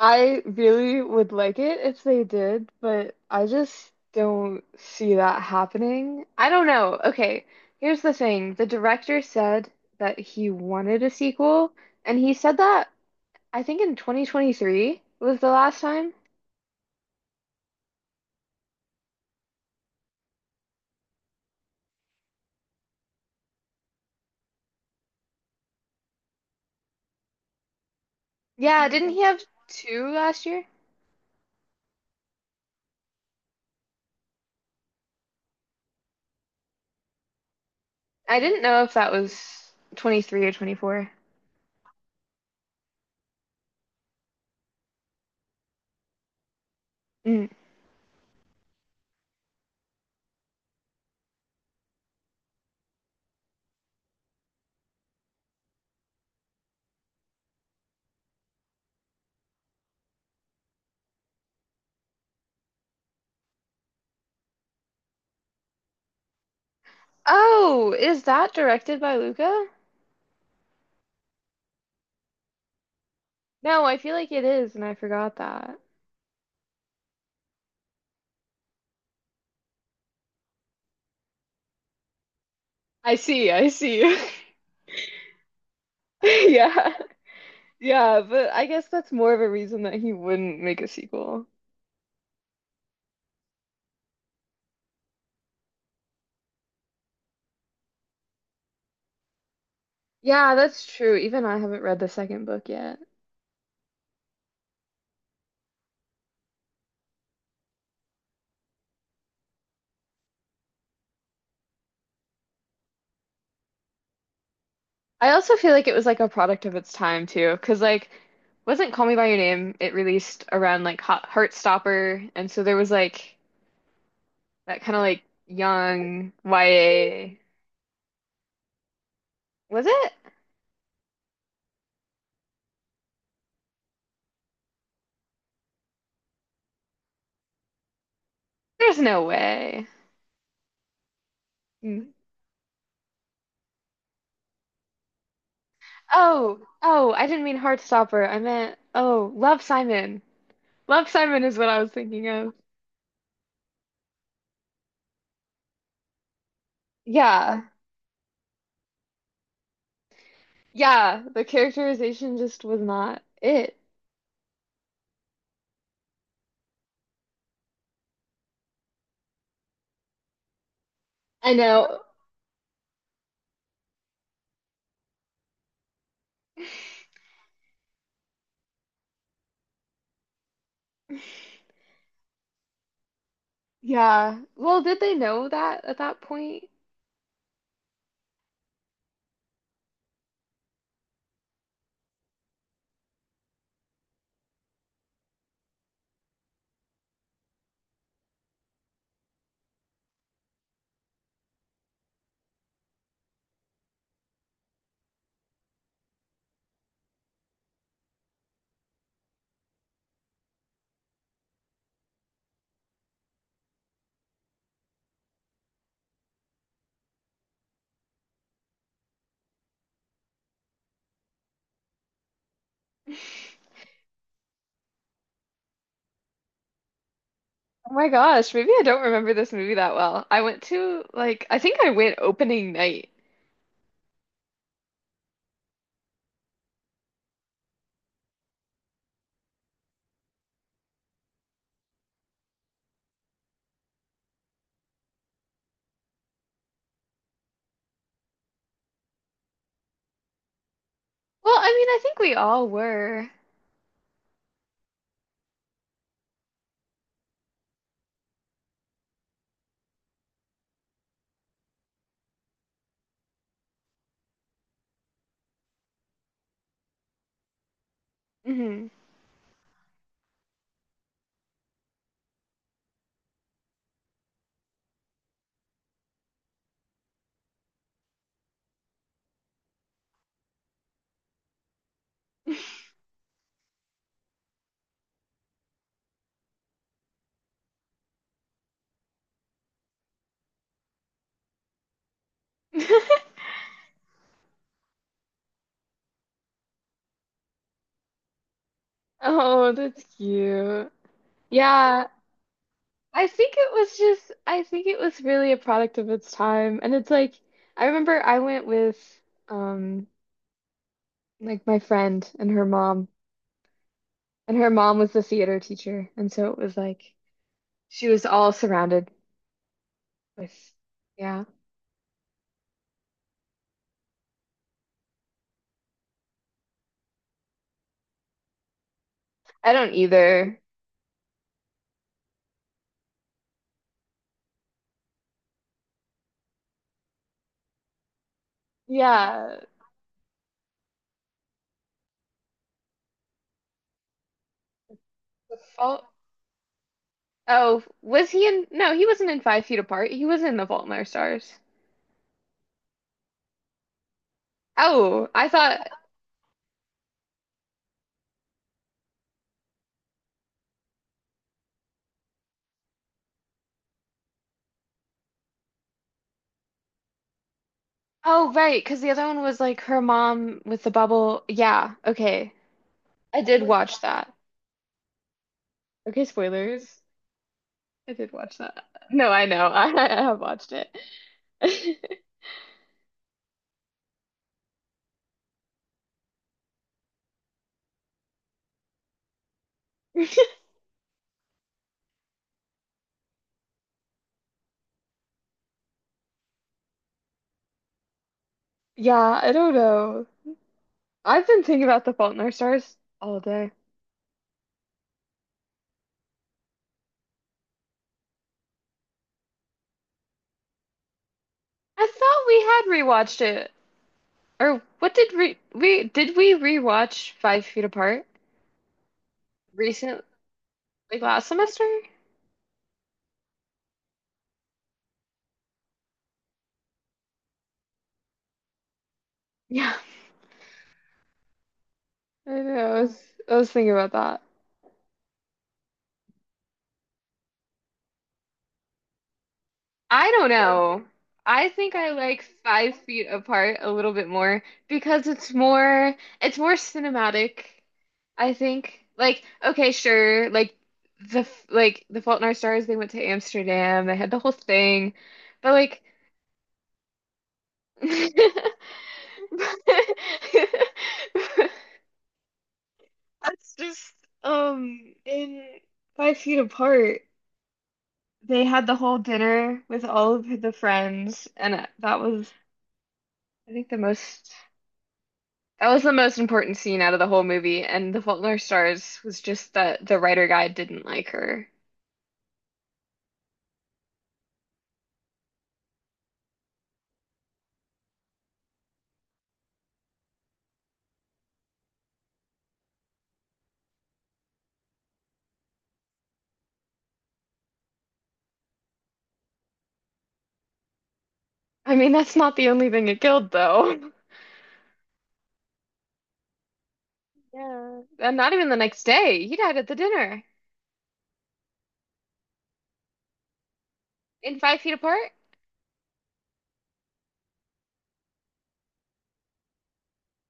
I really would like it if they did, but I just don't see that happening. I don't know. Okay, here's the thing. The director said that he wanted a sequel, and he said that I think in 2023 was the last time. Yeah, didn't he have two last year? I didn't know if that was 23 or 24. Mm. Oh, is that directed by Luca? No, I feel like it is, and I forgot that. I see. Yeah. Yeah, but I guess that's more of a reason that he wouldn't make a sequel. Yeah, that's true. Even I haven't read the second book yet. I also feel like it was like a product of its time too, because wasn't Call Me by Your Name, it released around like Hot Heartstopper, and so there was like that kind of like young YA. Was it? There's no way. Mm. Oh, I didn't mean Heartstopper. I meant Love Simon. Love Simon is what I was thinking of. Yeah. Yeah, the characterization just was not it. I know. Yeah. Well, did they know that at that point? Oh my gosh, maybe I don't remember this movie that well. I went to like I went opening night. Well, I mean, I think we all were. Hmm. Oh, that's cute. Yeah, I think it was really a product of its time. And it's like I remember I went with um my friend and her mom. And her mom was the theater teacher. And so it was like she was all surrounded with, yeah. I don't either. Yeah. The fault. Oh, was he in? No, he wasn't in Five Feet Apart. He was in The Fault in Our Stars. Oh, I thought. Oh, right. Because the other one was like her mom with the bubble. Yeah. Okay. I did watch that. Okay, spoilers. I did watch that. No, I know. I have watched it. Yeah, I don't know. I've been thinking about The Fault in Our Stars all day. I thought we had rewatched it. Or what did we rewatch Five Feet Apart recently, like last semester? Yeah, I know. I was thinking about that. I don't know. I think I like Five Feet Apart a little bit more because it's more cinematic. I think like okay, sure, like The Fault in Our Stars, they went to Amsterdam, they had the whole thing, but like That's just in Five Feet Apart. They had the whole dinner with all of the friends, and I think, the most that was the most important scene out of the whole movie. And The Fault in Our Stars was just that the writer guy didn't like her. I mean, that's not the only thing it killed, though. Yeah. And not even the next day. He died at the dinner in Five Feet Apart.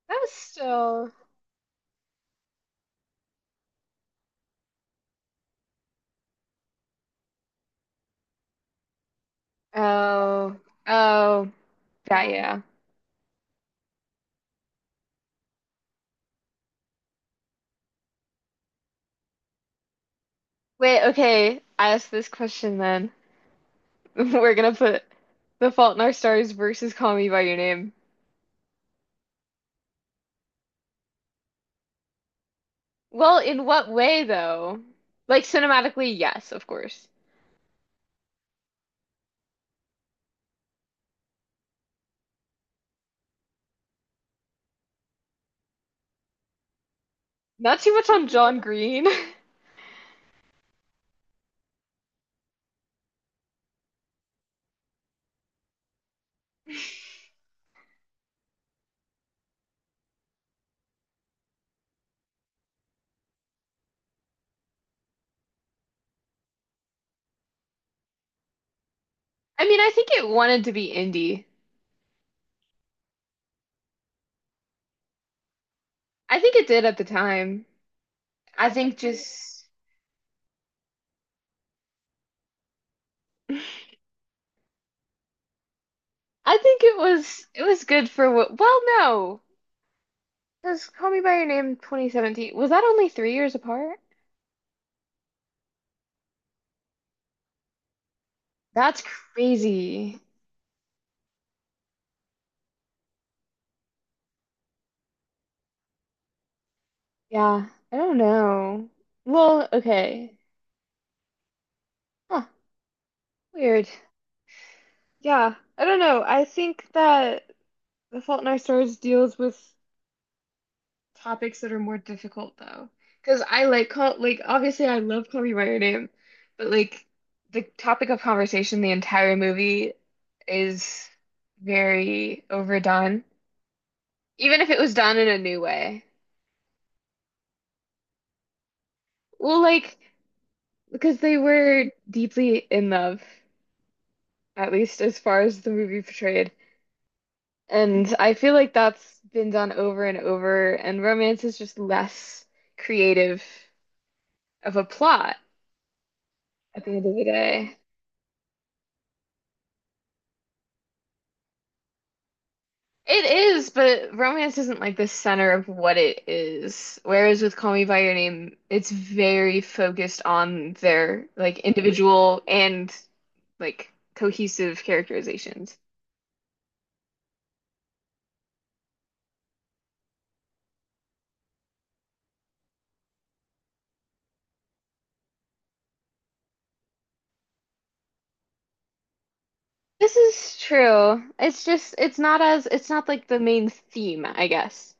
That was still. Oh, oh, yeah, yeah. Wait, okay. I asked this question then. We're gonna put The Fault in Our Stars versus Call Me by Your Name. Well, in what way though? Like cinematically, yes, of course. Not too much on John Green. I mean, I think it wanted to be indie. I think it did at the time. I think just I think it was good for what, no. Because Call Me by Your Name 2017 was that only 3 years apart? That's crazy. Yeah, I don't know. Well, okay. Huh, weird. Yeah, I don't know. I think that The Fault in Our Stars deals with topics that are more difficult though. Because I like call like obviously I love Call Me by Your Name, but like the topic of conversation the entire movie is very overdone. Even if it was done in a new way. Well, like because they were deeply in love, at least as far as the movie portrayed. And I feel like that's been done over and over, and romance is just less creative of a plot at the end of the day. It is, but romance isn't like the center of what it is. Whereas with Call Me by Your Name, it's very focused on their like individual and like cohesive characterizations. This is true. It's just it's not like the main theme, I guess.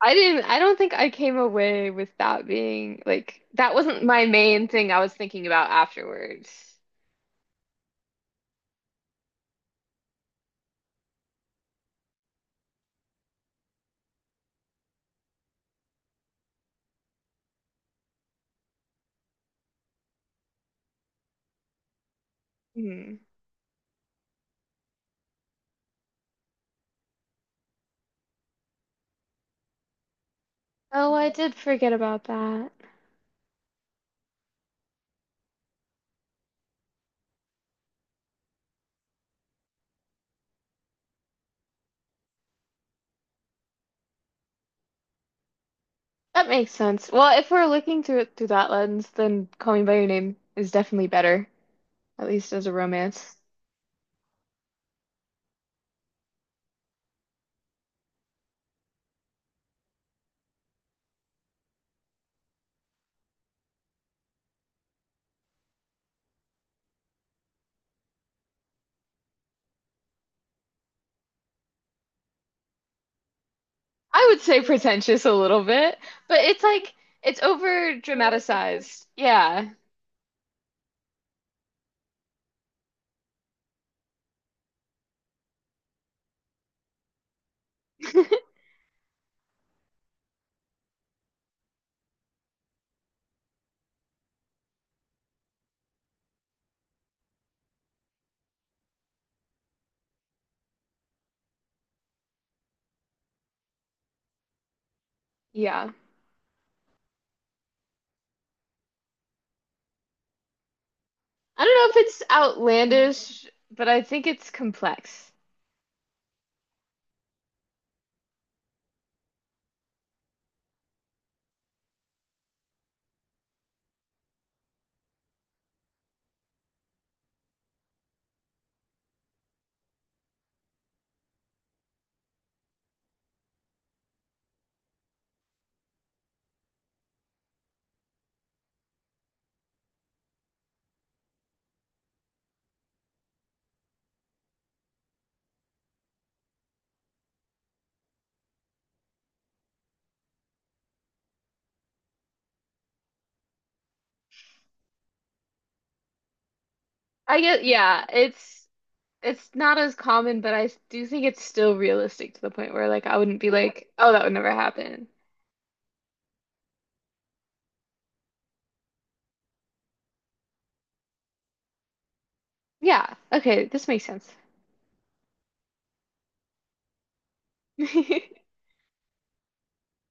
I don't think I came away with that being like, that wasn't my main thing I was thinking about afterwards. Hmm. Oh, I did forget about that. That makes sense. Well, if we're looking through it through that lens, then Call Me by Your Name is definitely better, at least as a romance. I would say pretentious a little bit, but it's like, it's over dramatized. Yeah. Yeah. I don't know if it's outlandish, but I think it's complex. I guess, yeah, it's. It's not as common, but I s- do think it's still realistic to the point where like I wouldn't be like, oh, that would never happen. Yeah, okay, this makes sense.